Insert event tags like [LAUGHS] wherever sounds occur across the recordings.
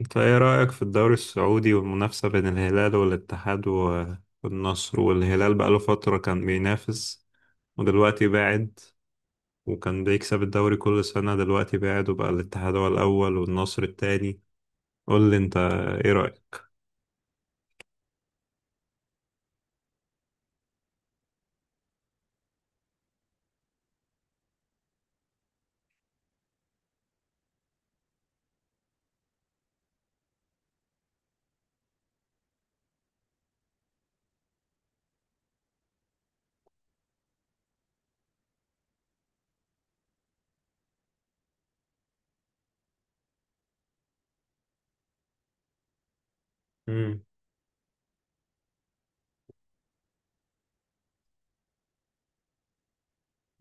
انت ايه رأيك في الدوري السعودي والمنافسة بين الهلال والاتحاد والنصر؟ والهلال بقاله فترة كان بينافس ودلوقتي باعد، وكان بيكسب الدوري كل سنة، دلوقتي باعد وبقى الاتحاد هو الأول والنصر التاني. قول لي انت، ايه رأيك؟ امم.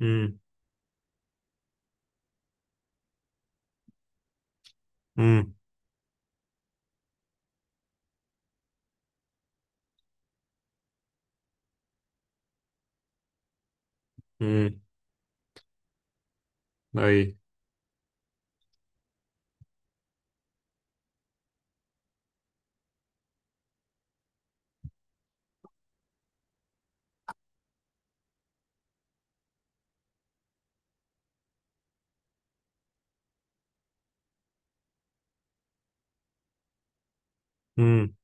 امم. امم. امم. اي. امم.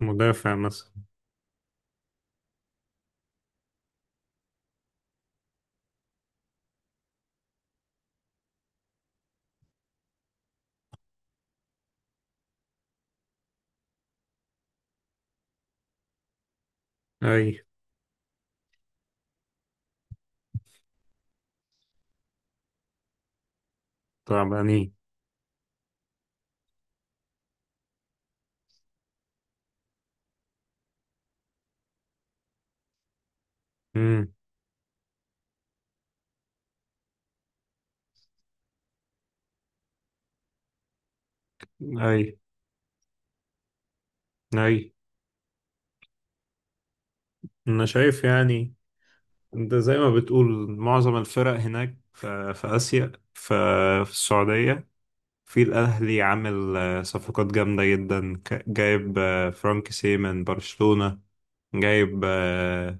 مدافع مثلا. اي. طبعا. امم. اي. اي. انا شايف يعني، انت زي ما بتقول معظم الفرق هناك في آسيا، في السعودية، في الأهلي، عامل صفقات جامدة جدا، جايب فرانكيسي من برشلونة، جايب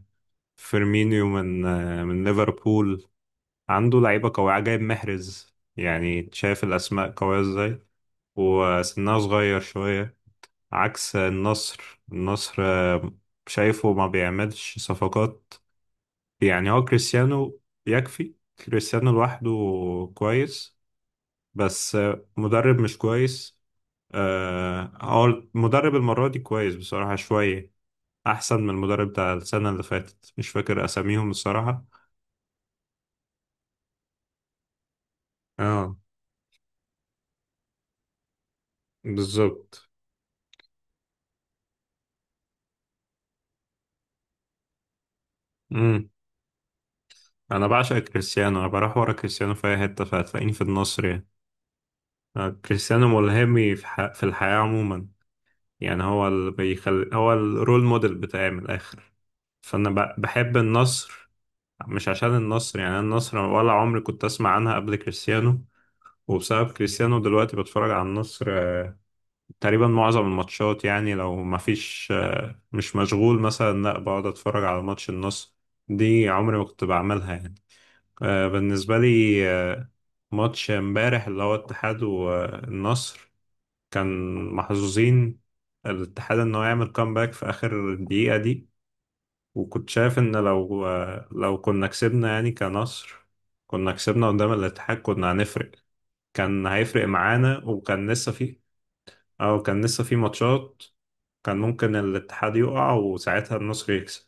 فيرمينيو من ليفربول، عنده لعيبة قوية، جايب محرز. يعني شايف الأسماء قوية ازاي؟ وسنها صغير شوية. عكس النصر. النصر شايفه ما بيعملش صفقات. يعني هو كريستيانو يكفي، كريستيانو لوحده كويس، بس مدرب مش كويس. هو المدرب المرة دي كويس بصراحة شوية، أحسن من المدرب بتاع السنة اللي فاتت، مش فاكر أساميهم الصراحة. اه. بالظبط. امم. أنا بعشق كريستيانو، أنا بروح ورا كريستيانو في أي حتة، فهتلاقيني في النصر يعني. كريستيانو ملهمي في الحياة عموما. يعني هو اللي بيخلي، هو الرول موديل بتاعي من الآخر، فأنا بحب النصر، مش عشان النصر. يعني أنا النصر ولا عمري كنت أسمع عنها قبل كريستيانو، وبسبب كريستيانو دلوقتي بتفرج على النصر، تقريبا معظم الماتشات. يعني لو ما فيش مش مشغول مثلا، لا بقعد أتفرج على ماتش النصر، دي عمري ما كنت بعملها يعني. بالنسبة لي ماتش امبارح اللي هو الاتحاد والنصر، كان محظوظين الاتحاد إنه يعمل كامباك في آخر الدقيقة دي. وكنت شايف ان لو كنا كسبنا يعني كمصر، كنا كسبنا قدام الاتحاد، كنا هنفرق، كان هيفرق معانا، وكان لسه في، او كان لسه في ماتشات، كان ممكن الاتحاد يقع وساعتها النصر يكسب.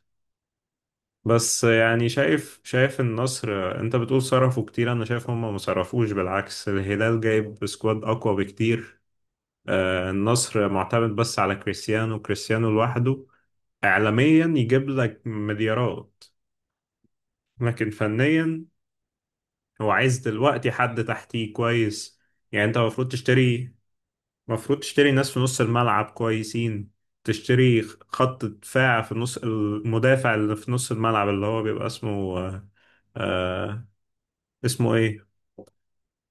بس يعني شايف النصر، انت بتقول صرفوا كتير، انا شايف هم ما صرفوش، بالعكس الهلال جايب سكواد اقوى بكتير. النصر معتمد بس على كريستيانو، كريستيانو لوحده اعلاميا يجيب لك مليارات، لكن فنيا هو عايز دلوقتي حد تحتيه كويس. يعني انت المفروض تشتري ناس في نص الملعب كويسين، تشتري خط دفاع. في نص، المدافع اللي في نص الملعب اللي هو بيبقى اسمه آه آه، اسمه ايه،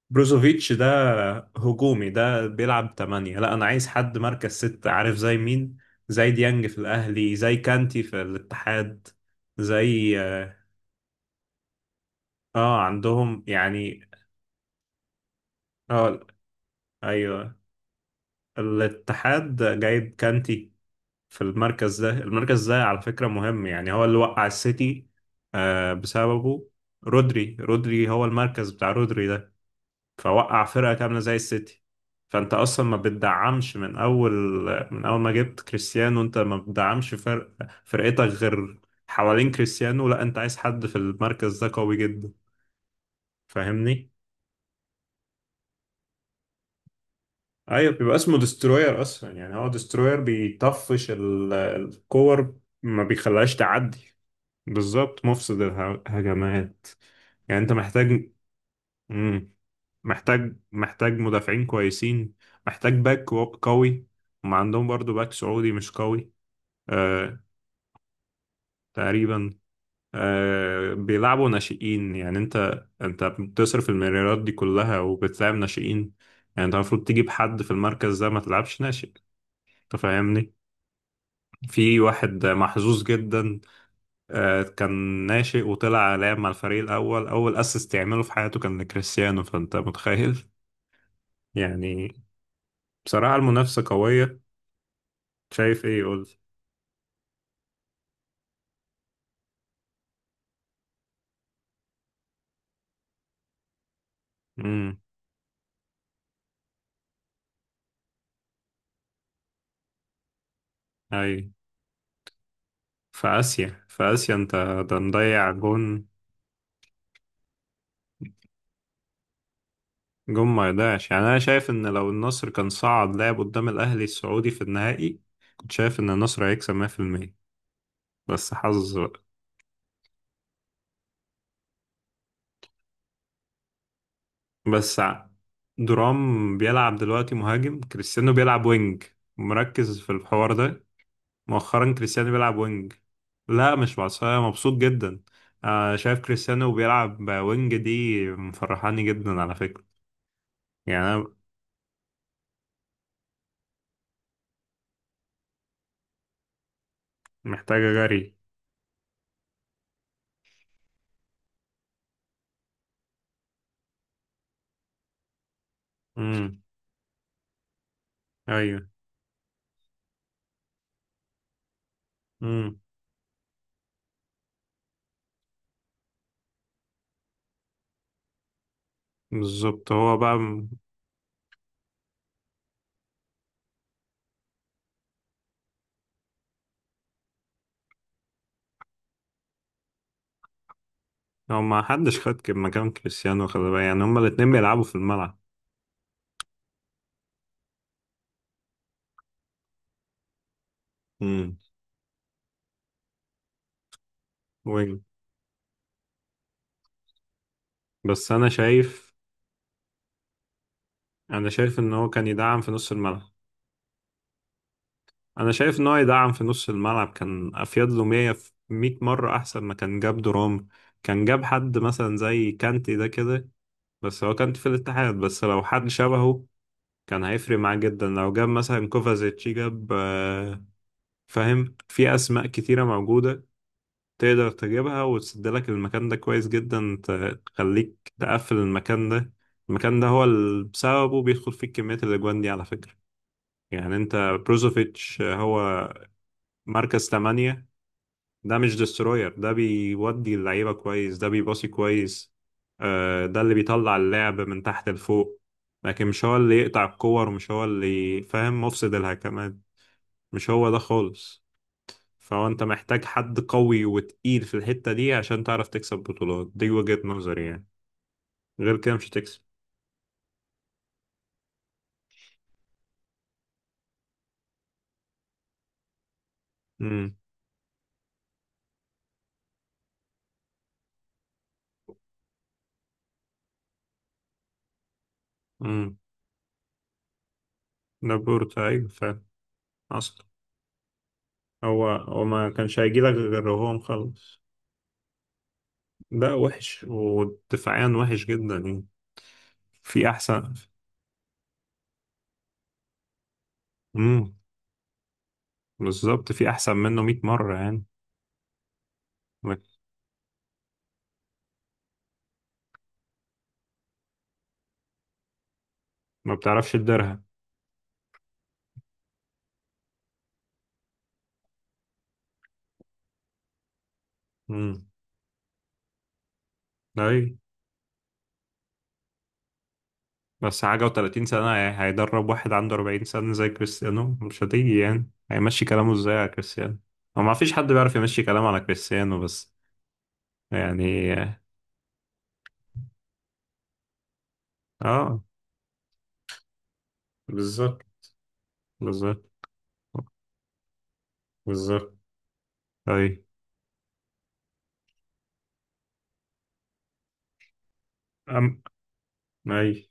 بروزوفيتش ده هجومي، ده بيلعب تمانية، لا انا عايز حد مركز ستة. عارف زي مين؟ زي ديانج في الاهلي، زي كانتي في الاتحاد، زي اه آه، عندهم يعني. اه، ايوه. الاتحاد جايب كانتي في المركز ده، المركز ده على فكرة مهم. يعني هو اللي وقع السيتي، بسببه رودري. رودري هو المركز بتاع رودري ده، فوقع فرقة كاملة زي السيتي. فانت اصلا ما بتدعمش من اول، من اول ما جبت كريستيانو انت ما بتدعمش فرقتك غير حوالين كريستيانو. لا، انت عايز حد في المركز ده قوي جدا، فاهمني؟ ايوه، بيبقى اسمه دستروير اصلا. يعني هو دستروير بيطفش الكور، ما بيخليهاش تعدي. بالظبط، مفسد الهجمات. يعني انت محتاج، مم. محتاج مدافعين كويسين، محتاج باك قوي. هم عندهم برضو باك سعودي مش قوي. آه تقريبا. بيلعبوا ناشئين، يعني انت بتصرف المليارات دي كلها وبتلعب ناشئين. يعني انت المفروض تجيب حد في المركز ده، ما تلعبش ناشئ، انت فاهمني؟ في واحد محظوظ جدا، كان ناشئ وطلع لاعب مع الفريق الأول، أول أسيست يعمله في حياته كان لكريستيانو، فأنت متخيل؟ [LAUGHS] يعني بصراحة المنافسة قوية، شايف إيه يقول. امم. أي. في آسيا، في آسيا أنت، ده مضيع جون. جون ما يضيعش. يعني أنا شايف إن لو النصر كان صعد لعب قدام الأهلي السعودي في النهائي، كنت شايف إن النصر هيكسب 100%. بس حظ. بس درام بيلعب دلوقتي مهاجم، كريستيانو بيلعب وينج، مركز في الحوار ده. مؤخرا كريستيانو بيلعب وينج. لا، مش بعصاية، مبسوط جدا. شايف كريستيانو بيلعب وينج، دي مفرحاني جدا على فكرة. يعني أنا، محتاجة جري. امم. أيوه. امم. بالظبط. هو ما حدش خد مكان كريستيانو، خلي بالك، يعني هما الاتنين بيلعبوا في الملعب. امم. وينج. بس أنا شايف إن هو كان يدعم في نص الملعب. انا شايف ان هو يدعم في نص الملعب كان افيد له 100 في 100 مره، احسن ما كان جاب درام. كان جاب حد مثلا زي كانتي ده كده، بس هو كانتي في الاتحاد، بس لو حد شبهه كان هيفرق معاه جدا. لو جاب مثلا كوفازيتش، جاب فاهم، في اسماء كتيره موجوده تقدر تجيبها وتسد لك المكان ده كويس جدا، تخليك تقفل المكان ده. المكان ده هو اللي بسببه بيدخل فيه كميه الاجوان دي على فكره. يعني انت، بروزوفيتش هو مركز 8، ده مش دستروير. ده بيودي اللعيبة كويس، ده بيباصي كويس، ده اللي بيطلع اللعب من تحت لفوق، لكن مش هو اللي يقطع الكور، ومش هو اللي، فاهم، مفسد الهجمات، مش هو ده خالص. فهو انت محتاج حد قوي وتقيل في الحتة دي عشان تعرف تكسب بطولات، دي وجهة نظري يعني، غير كده مش هتكسب. امم. امم. لابورتا، ايوه فعلا. اصلا هو ما كانش هيجيلك غير وهو مخلص. ده وحش، ودفاعيا وحش جدا يعني. في احسن. امم. بالظبط، في احسن منه 100 مره يعني. ما ما بتعرفش تديرها. امم. اي. بس حاجه و30 سنه، هيدرب واحد عنده 40 سنه زي كريستيانو، مش هتيجي. يعني هيمشي كلامه ازاي على كريستيانو؟ هو ما فيش حد بيعرف يمشي كلامه على كريستيانو بس، يعني. اه. بالظبط. بالظبط. بالظبط. اي. أم... اي.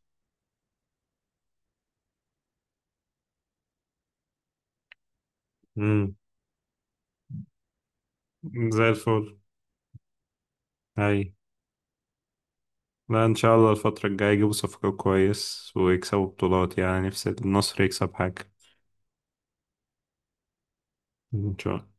امم. زي الفل. اي. لا ان شاء الله الفتره الجايه يجيبوا صفقه كويس ويكسبوا بطولات، يعني نفسي النصر يكسب حاجه. ان شاء الله.